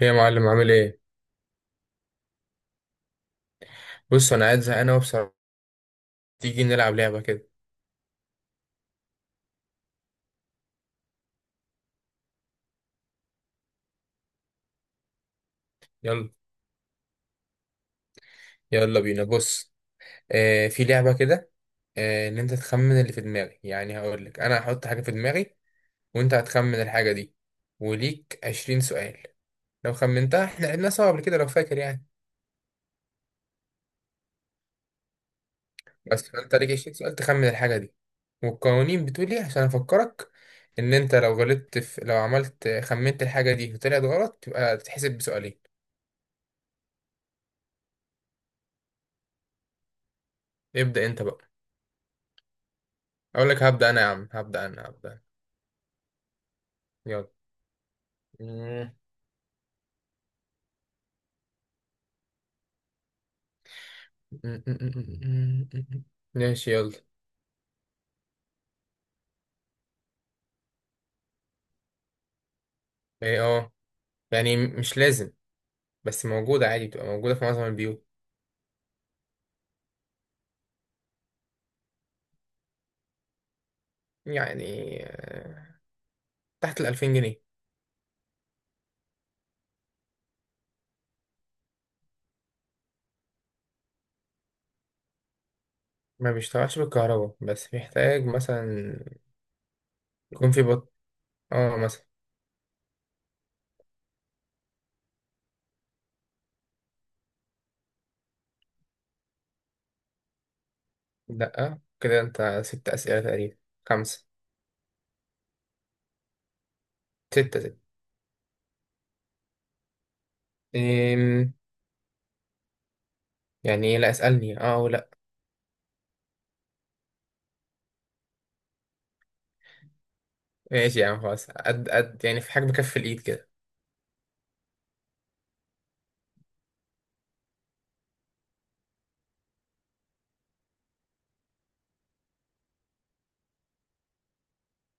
ايه يا معلم، عامل ايه؟ بص، انا قاعد زهقان اهو بصراحه. تيجي نلعب لعبه كده؟ يلا. يلا بينا، بص. آه، في لعبه كده. آه، ان انت تخمن اللي في دماغي، يعني هقول لك انا هحط حاجه في دماغي، وانت هتخمن الحاجه دي. وليك 20 سؤال لو خمنتها. احنا لعبناها سوا قبل كده لو فاكر يعني، بس فانت ليك 20 سؤال تخمن الحاجه دي. والقوانين بتقول ايه عشان افكرك، ان انت لو غلطت في لو عملت خمنت الحاجه دي وطلعت غلط تبقى تتحسب بسؤالين. ابدا انت بقى. اقول لك هبدا انا، يا عم، هبدا انا، هبدا. يلا. مم. مم. مم. مم. مم. ماشي يلا. ايه، اه. يعني مش لازم، بس موجودة عادي، بتبقى موجودة في معظم البيوت. يعني تحت الـ2000 جنيه. ما بيشتغلش بالكهرباء، بس بيحتاج مثلا يكون في بط. اه، مثلا. لأ، كده انت 6 أسئلة تقريبا. خمسة. ستة، ستة. إيه؟ يعني إيه؟ لا، اسألني اه ولا. ماشي يا عم، خلاص، قد قد يعني، في حاجة بكف الإيد كده.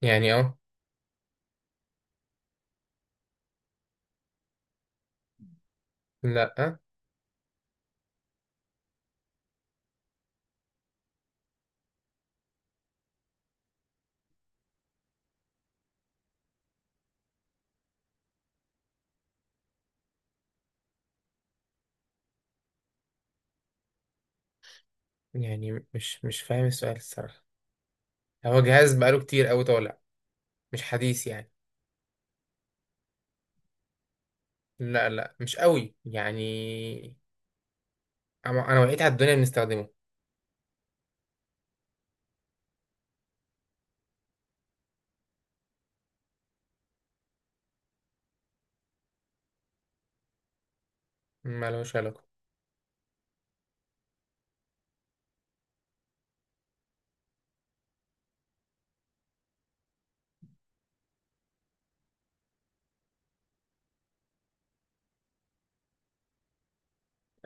يعني اه. لأ. يعني مش فاهم السؤال الصراحة. هو جهاز بقاله كتير قوي طالع، مش حديث يعني. لا لا، مش قوي يعني، انا وقيت على الدنيا بنستخدمه. ما لهوش علاقة.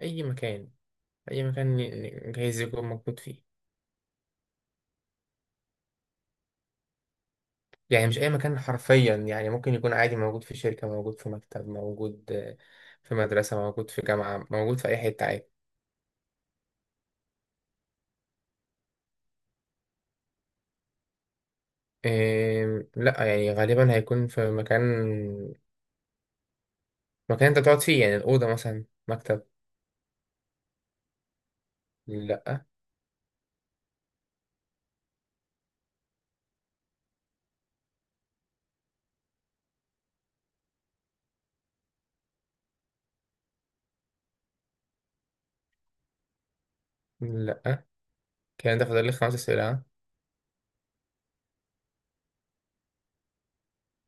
اي مكان. اي مكان، جهاز يكون موجود فيه. يعني مش اي مكان حرفيا، يعني ممكن يكون عادي موجود في شركة، موجود في مكتب، موجود في مدرسة، موجود في جامعة، موجود في اي حتة عادي. إيه، لا، يعني غالبا هيكون في مكان انت تقعد فيه، يعني الأوضة مثلا، مكتب. لا. لا، كان ده فاضل لي 5 أسئلة.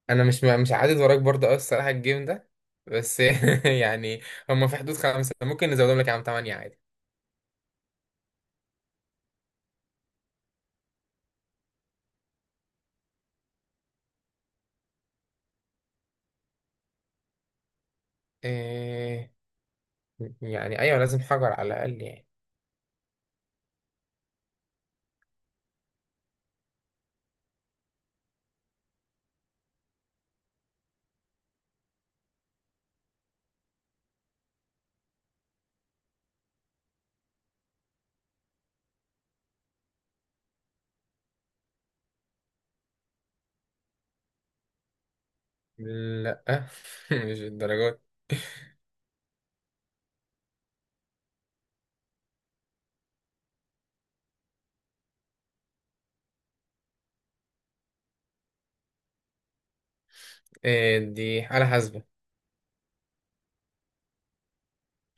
انا مش عادد وراك برضه قوي الصراحه الجيم ده، بس يعني. هم في حدود خمسه، ممكن نزودهم لك يا عم تمانية عادي. إيه؟ يعني ايوه، لازم حجر على الاقل يعني. لا مش الدرجات. إيه؟ دي حاله حاسبه.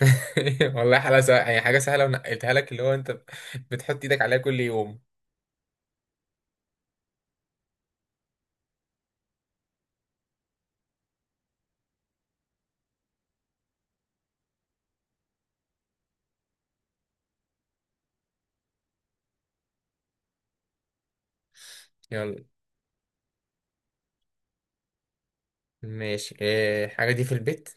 والله حاله سهله يعني، حاجه سهله ونقلتها لك، اللي هو انت بتحط ايدك عليها كل يوم. يلا. ماشي، إيه الحاجه دي في البيت؟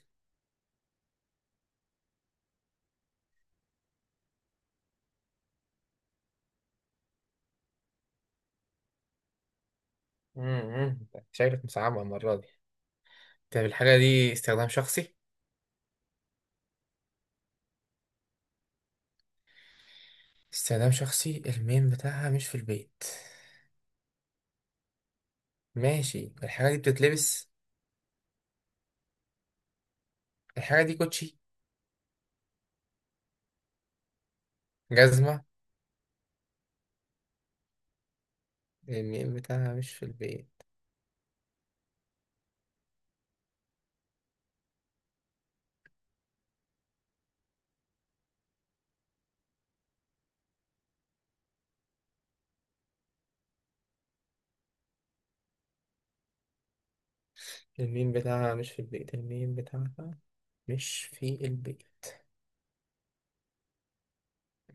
مم. شكلك مصعبه المره دي. طب الحاجه دي استخدام شخصي؟ استخدام شخصي، المين بتاعها مش في البيت. ماشي، الحاجة دي بتتلبس. الحاجة دي كوتشي. جزمة. الميم بتاعها مش في البيت، الميم بتاعها مش في البيت، الميم بتاعها مش في البيت،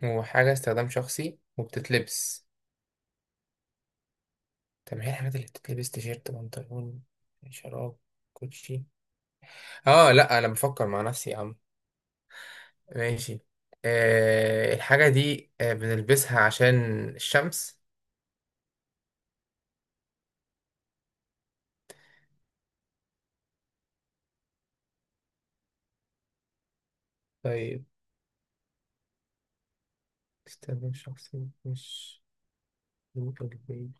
وحاجة استخدام شخصي، وبتتلبس. طب ما هي الحاجات اللي بتتلبس، تيشيرت، بنطلون، شراب، كوتشي. اه لا، انا بفكر مع نفسي يا عم. ماشي. آه، الحاجة دي بنلبسها عشان الشمس. طيب. استخدام شخصي مش في البيت.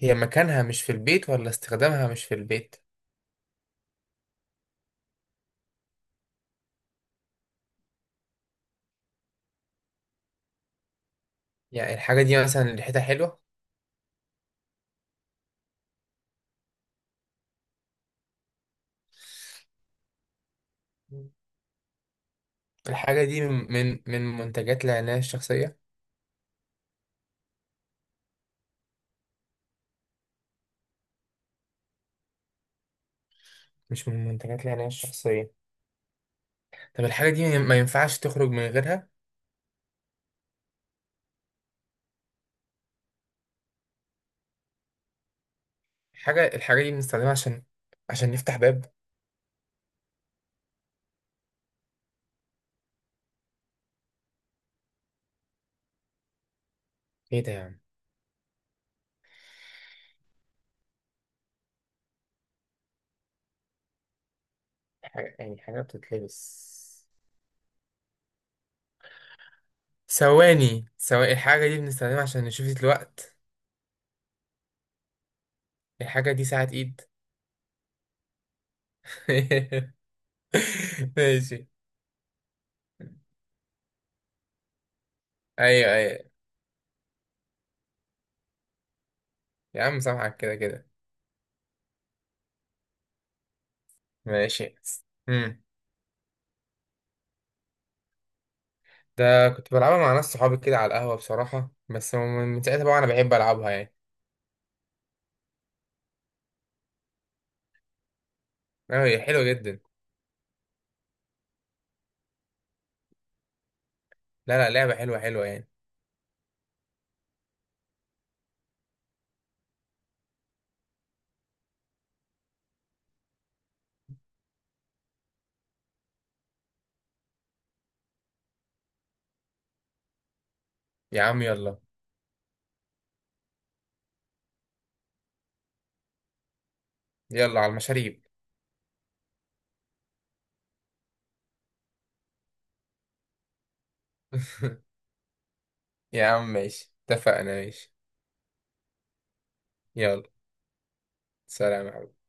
هي مكانها مش في البيت ولا استخدامها مش في البيت؟ يعني الحاجة دي مثلا ريحتها حلوة. مم. الحاجة دي من منتجات العناية الشخصية. مش من منتجات العناية الشخصية. طب الحاجة دي ما ينفعش تخرج من غيرها. الحاجة دي بنستخدمها عشان نفتح باب. ايه ده يعني. يعني حاجة بتتلبس. ثواني ثواني، الحاجة دي بنستخدمها عشان نشوف الوقت. الحاجة دي ساعة ايد. ماشي. ايوه ايوه. يا عم، سامحك كده كده. ماشي. امم ده كنت بلعبها مع ناس صحابي كده على القهوة بصراحة، بس من ساعتها بقى أنا بحب ألعبها يعني. أه، هي حلوة جدا. لا لا، لعبة حلوة حلوة يعني. يا عم يلا. يلا على المشاريب. يا عم ماشي، اتفقنا ماشي. يلا. سلام يا حبيبي.